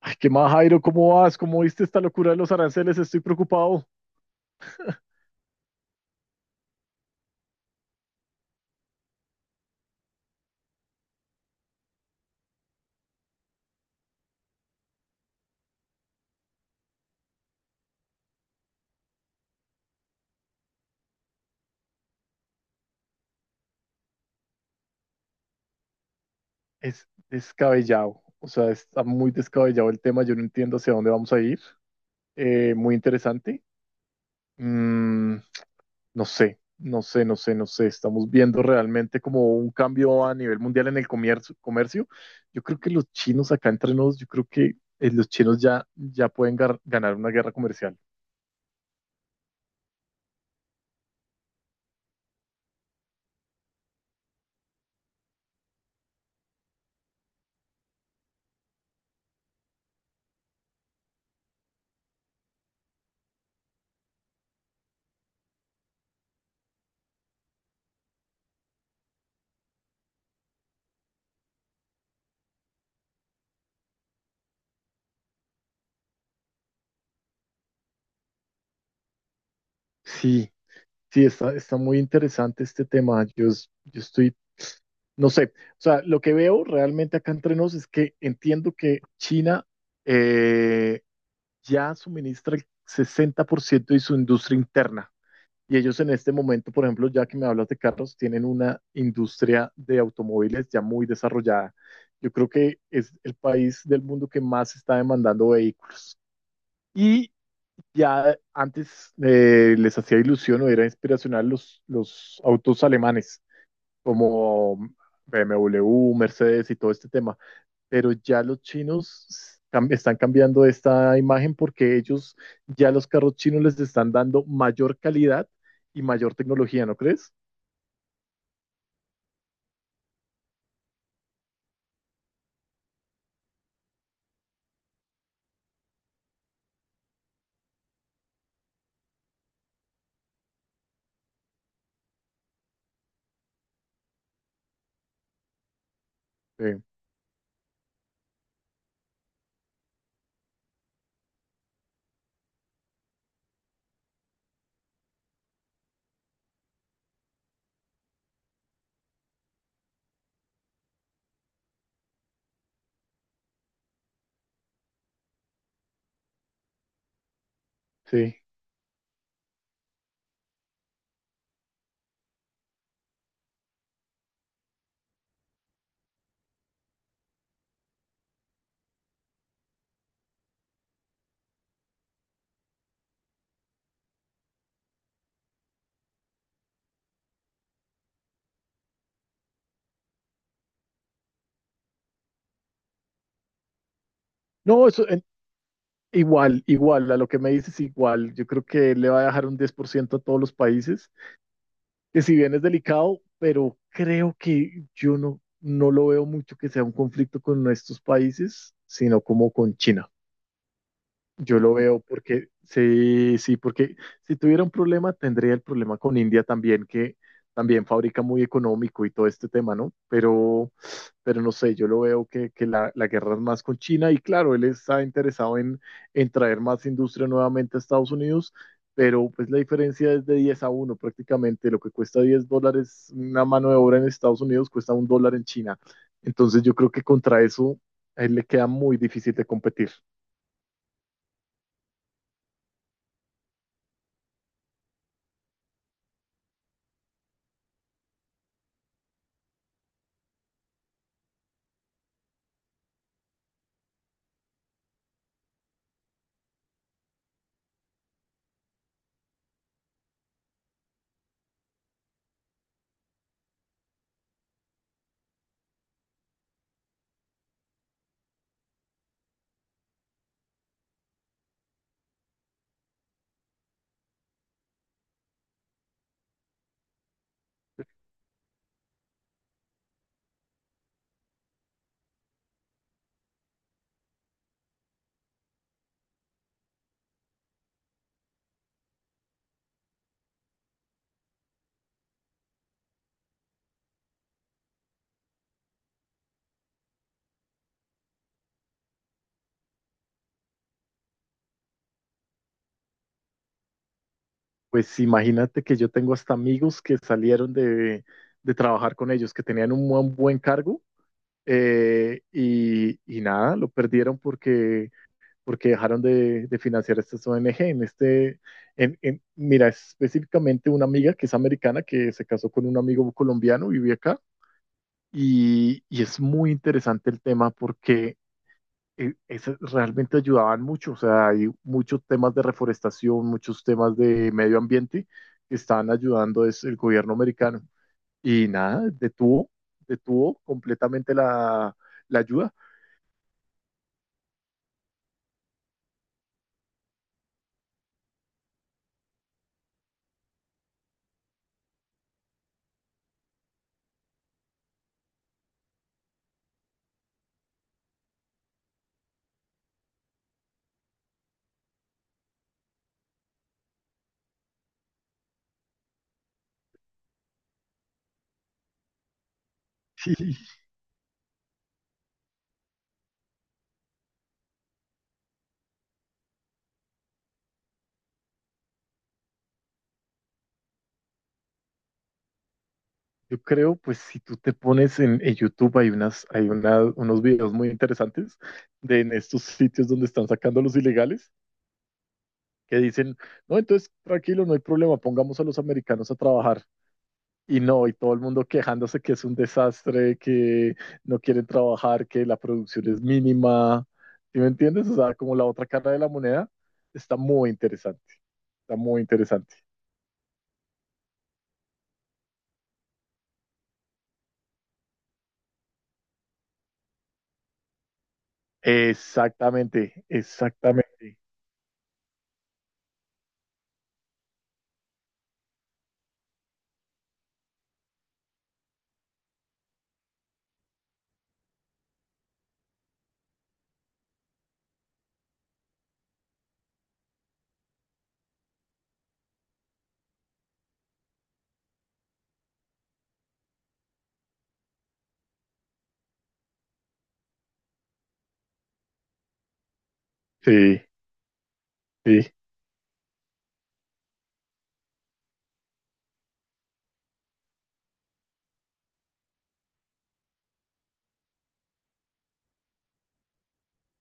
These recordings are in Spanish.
Ay, ¿qué más, Jairo? ¿Cómo vas? ¿Cómo viste esta locura de los aranceles? Estoy preocupado. Es descabellado. O sea, está muy descabellado el tema. Yo no entiendo hacia dónde vamos a ir. Muy interesante. Mm, no sé, no sé, no sé, no sé. Estamos viendo realmente como un cambio a nivel mundial en el comercio. Yo creo que los chinos acá entre nos, yo creo que los chinos ya pueden ganar una guerra comercial. Sí, sí, está, está muy interesante este tema. Yo estoy, no sé, o sea, lo que veo realmente acá entre nos es que entiendo que China eh, ya suministra el 60% de su industria interna. Y ellos en este momento, por ejemplo, ya que me hablas de carros, tienen una industria de automóviles ya muy desarrollada. Yo creo que es el país del mundo que más está demandando vehículos. Y ya antes les hacía ilusión o era inspiracional los autos alemanes, como BMW, Mercedes y todo este tema, pero ya los chinos están cambiando esta imagen porque ellos ya los carros chinos les están dando mayor calidad y mayor tecnología, ¿no crees? Sí, sí. No, igual, igual, a lo que me dices igual, yo creo que le va a dejar un 10% a todos los países que si bien es delicado, pero creo que yo no, no lo veo mucho que sea un conflicto con estos países, sino como con China. Yo lo veo porque, sí, sí, porque si tuviera un problema, tendría el problema con India también, que también fabrica muy económico y todo este tema, ¿no? Pero no sé, yo lo veo que la guerra es más con China y claro, él está interesado en traer más industria nuevamente a Estados Unidos, pero pues la diferencia es de 10 a uno prácticamente, lo que cuesta 10 dólares una mano de obra en Estados Unidos cuesta un dólar en China. Entonces yo creo que contra eso a él le queda muy difícil de competir. Pues imagínate que yo tengo hasta amigos que salieron de trabajar con ellos, que tenían un buen, buen cargo y nada, lo perdieron porque, porque dejaron de financiar estas ONG. En este, en- Mira, específicamente una amiga que es americana que se casó con un amigo colombiano, vive acá y es muy interesante el tema porque eso realmente ayudaban mucho. O sea, hay muchos temas de reforestación, muchos temas de medio ambiente que están ayudando es el gobierno americano. Y nada, detuvo, detuvo completamente la, la ayuda. Y yo creo, pues si tú te pones en YouTube, hay, unas, unos videos muy interesantes de en estos sitios donde están sacando a los ilegales que dicen, no, entonces tranquilo, no hay problema, pongamos a los americanos a trabajar. Y no, y todo el mundo quejándose que es un desastre, que no quieren trabajar, que la producción es mínima. ¿Sí me entiendes? O sea, como la otra cara de la moneda, está muy interesante. Está muy interesante. Exactamente, exactamente. Sí, sí,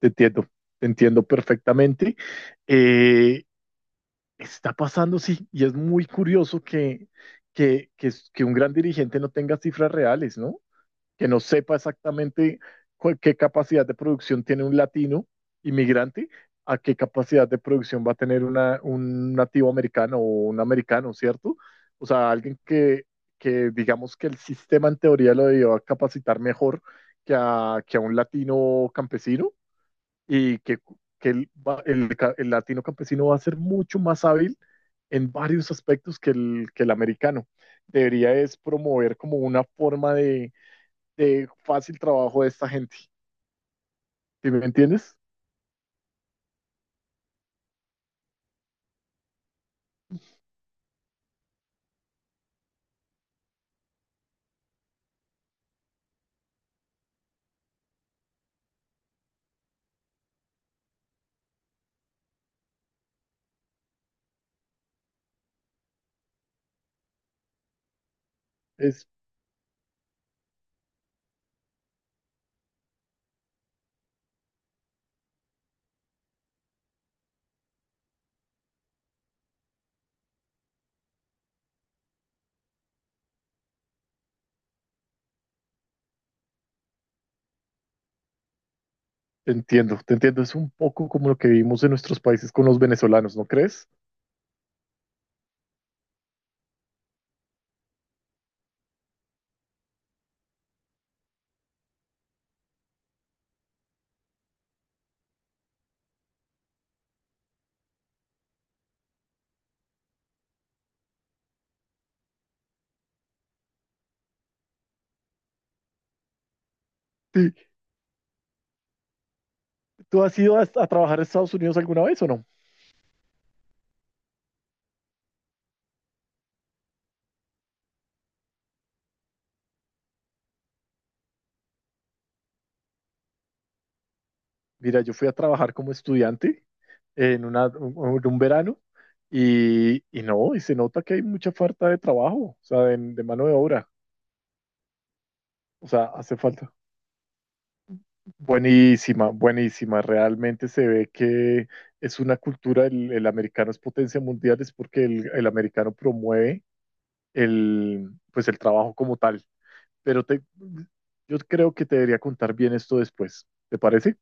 te entiendo, te entiendo perfectamente. Eh, Está pasando, sí, y es muy curioso que un gran dirigente no tenga cifras reales, ¿no? Que no sepa exactamente qué capacidad de producción tiene un latino inmigrante, a qué capacidad de producción va a tener un nativo americano o un americano, ¿cierto? O sea, alguien que digamos que el sistema en teoría lo debió capacitar mejor que a un latino campesino y que el latino campesino va a ser mucho más hábil en varios aspectos que el americano. Debería es promover como una forma de fácil trabajo de esta gente. ¿Sí me entiendes? Es, Te entiendo, te entiendo. Es un poco como lo que vivimos en nuestros países con los venezolanos, ¿no crees? Sí. ¿Tú has ido a trabajar a Estados Unidos alguna vez o no? Mira, yo fui a trabajar como estudiante en, una, un verano y no, y se nota que hay mucha falta de trabajo, o sea, de mano de obra. O sea, hace falta. Buenísima, buenísima. Realmente se ve que es una cultura, el americano es potencia mundial, es porque el americano promueve el, pues el trabajo como tal. Pero yo creo que te debería contar bien esto después. ¿Te parece?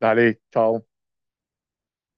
Dale, chao.